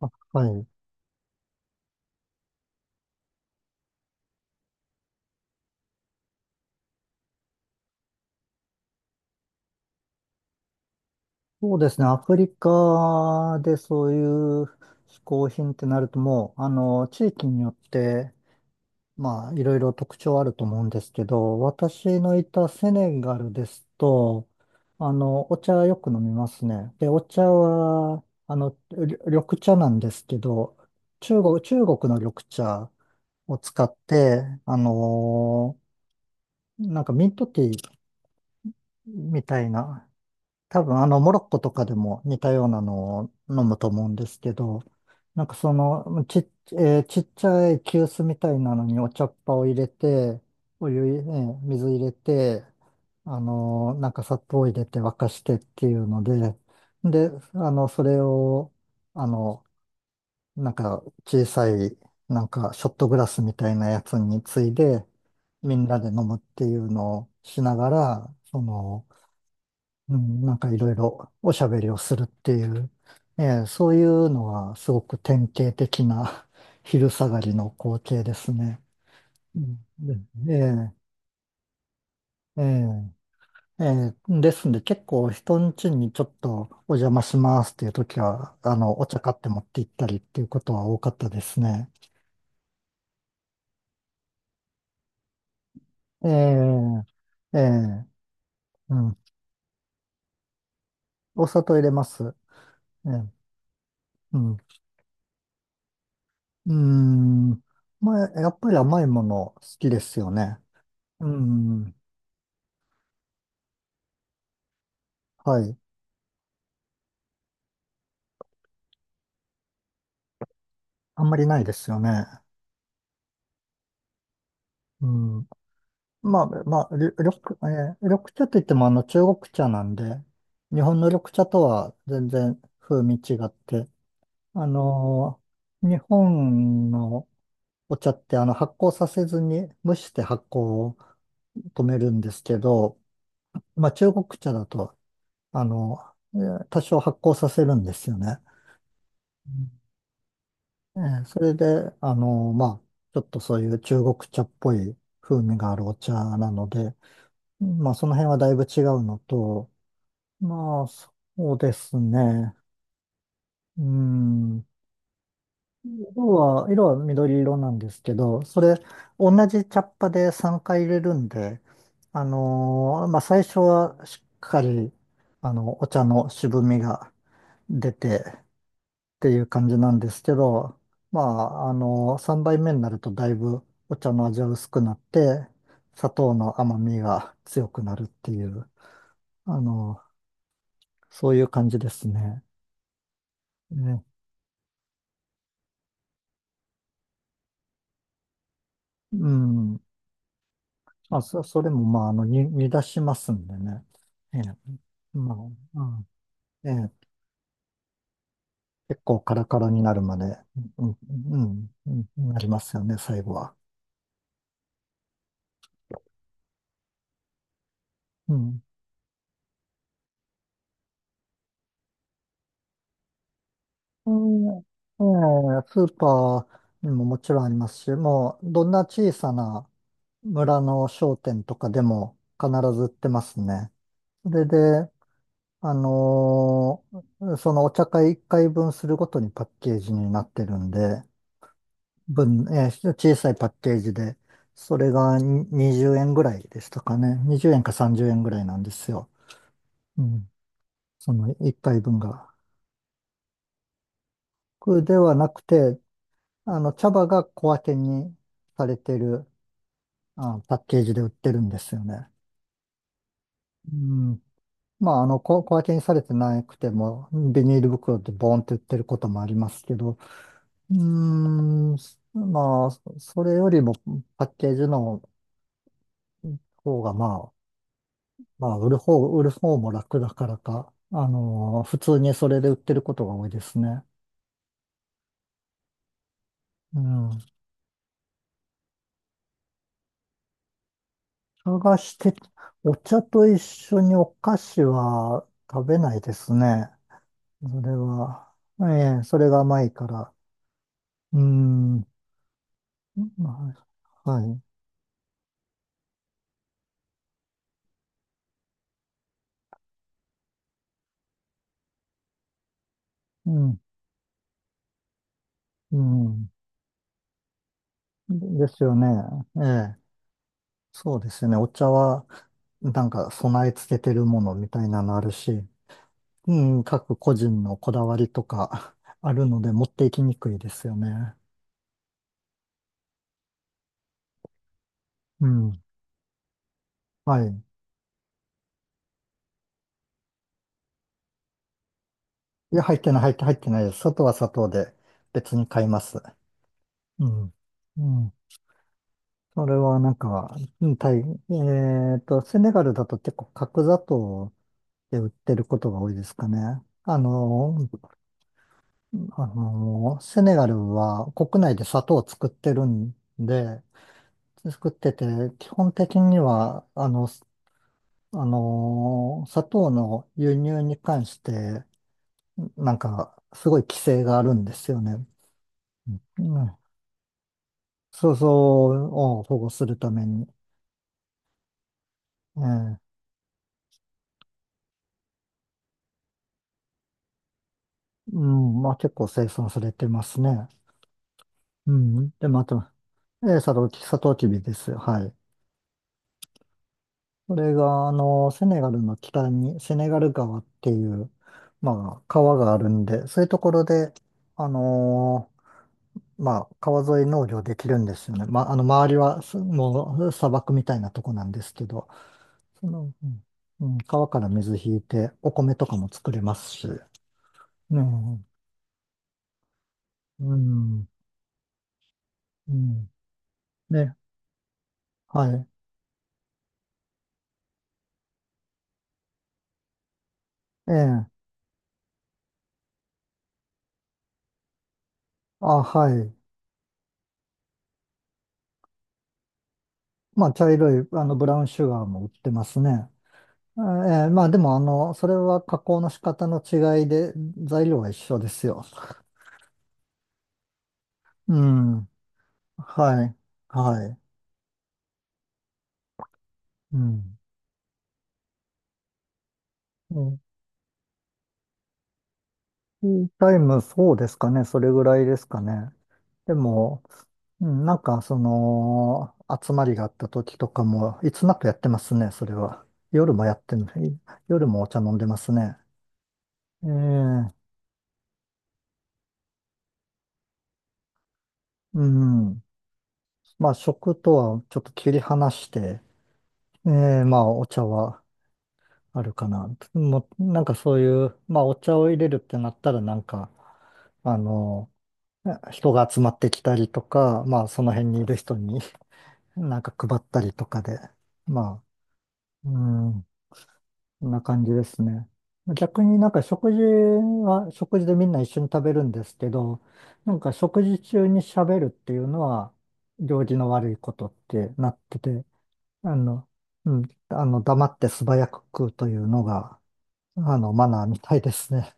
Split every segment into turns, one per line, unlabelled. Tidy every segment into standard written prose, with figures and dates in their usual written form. あ、はい。そうですね。アフリカでそういう嗜好品ってなるともう、地域によって、まあ、いろいろ特徴あると思うんですけど、私のいたセネガルですと、お茶よく飲みますね。で、お茶は、緑茶なんですけど、中国の緑茶を使って、なんかミントティーみたいな、多分モロッコとかでも似たようなのを飲むと思うんですけど、なんかその、ちっちゃい急須みたいなのにお茶っ葉を入れて、お湯、えー水入れて、なんか砂糖を入れて沸かしてっていうので、で、それを、あの、なんか小さい、なんかショットグラスみたいなやつについで、みんなで飲むっていうのをしながら、その、うん、なんかいろいろおしゃべりをするっていう、ええ、そういうのはすごく典型的な 昼下がりの光景ですね。うんでええ、ええ、ええですんで、結構人ん家にちょっとお邪魔しますっていう時は、お茶買って持って行ったりっていうことは多かったですね。ええ、ええ、うん、お砂糖入れます。ええ、うん、うーん、まあ、やっぱり甘いもの好きですよね。うん。はい。あんまりないですよね。うん。まあ、まあ、り緑、えー緑茶といってもあの中国茶なんで、日本の緑茶とは全然風味違って、あの日本のお茶って発酵させずに蒸して発酵を止めるんですけど、まあ中国茶だと、あの、多少発酵させるんですよね。うん、それで、まあ、ちょっとそういう中国茶っぽい風味があるお茶なので、まあ、その辺はだいぶ違うのと、まあ、そうですね。うん。色は緑色なんですけど、それ、同じ茶っ葉で3回入れるんで、まあ、最初はしっかり、お茶の渋みが出てっていう感じなんですけど、まあ、3杯目になるとだいぶお茶の味は薄くなって、砂糖の甘みが強くなるっていう、あのそういう感じですね。ね、うん。まあ、それも、まあ、煮出しますんでね。ええ、まあ、うん、ええ、結構カラカラになるまで、うん、うん、うん、うんなりますよね、最後は。うん。うん、ええ、スーパーにももちろんありますし、もう、どんな小さな村の商店とかでも必ず売ってますね。それで、そのお茶会1回分するごとにパッケージになってるんで、分、えー小さいパッケージで、それが20円ぐらいでしたかね。20円か30円ぐらいなんですよ。うん。その1回分が。僕ではなくて、茶葉が小分けにされてる、あ、パッケージで売ってるんですよね。うん。まあ、小分けにされてなくても、ビニール袋でボーンって売ってることもありますけど、うーん、まあ、それよりもパッケージの方が、まあ、まあ、売る方も楽だからか、普通にそれで売ってることが多いですね。うん。探して、お茶と一緒にお菓子は食べないですね。それは、ええ、それが甘いから。うーん、まあ、はい。うん、うん。ですよね。ええ。そうですね。お茶は、なんか備え付けてるものみたいなのあるし、うん、各個人のこだわりとか あるので持っていきにくいですよね。うん。はい。いや、入ってないです。砂糖は砂糖で別に買います。うん。うん。それはなんか、うん、タイ、えっと、セネガルだと結構角砂糖で売ってることが多いですかね。セネガルは国内で砂糖を作ってて、基本的には、あの、すあのー砂糖の輸入に関して、なんか、すごい規制があるんですよね。うん、そうそうを保護するために。ええ、うん、まあ結構生産されてますね。うん。で、また、ええ、サトウキビです。はい。これが、セネガルの北に、セネガル川っていう、まあ、川があるんで、そういうところで、あのまあ、川沿い農業できるんですよね。まあ、周りは、もう、砂漠みたいなとこなんですけど、その、うん、うん、川から水引いて、お米とかも作れますし、うん、うん、うん、ね、はい、ええ、あ、はい。まあ、茶色い、ブラウンシュガーも売ってますね。ええ、まあ、でも、それは加工の仕方の違いで、材料は一緒ですよ。うん、はい、はい、うん。ティータイム、そうですかね。それぐらいですかね。でも、うん、なんか、その、集まりがあった時とかも、いつなくやってますね、それは。夜もやってんの、夜もお茶飲んでますね。ええ、うん。まあ、食とはちょっと切り離して、ええ、まあ、お茶はあるかな。もう、なんかそういう、まあ、お茶を入れるってなったら、なんか、あの、人が集まってきたりとか、まあ、その辺にいる人になんか配ったりとかで。まあ、うん、こんな感じですね。逆になんか食事は、食事でみんな一緒に食べるんですけど、なんか食事中に喋るっていうのは、行儀の悪いことってなってて、あの、うん、黙って素早く食うというのが、マナーみたいですね。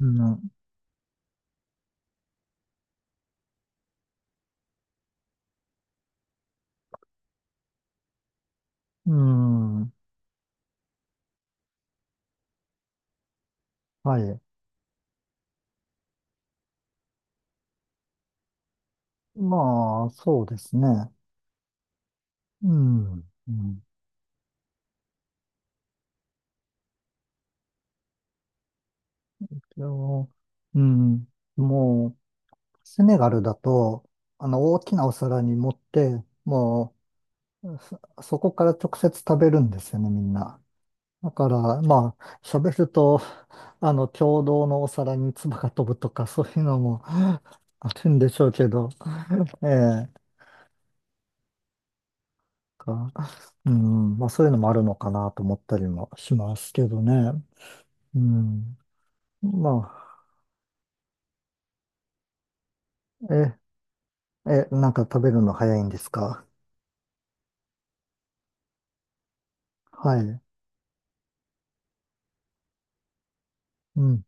うん、うん、はい。まあ、そうですね。うん、うん、でも、うん、もう、セネガルだと、大きなお皿に盛って、もう、そこから直接食べるんですよね、みんな。だから、まあ、喋ると、共同のお皿に唾が飛ぶとか、そういうのも あるんでしょうけど、ええ、か、うん、まあ、そういうのもあるのかなと思ったりもしますけどね。うん。まあ、なんか食べるの早いんですか？はい。うん、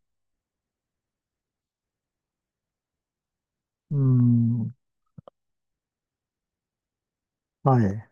うん、はい。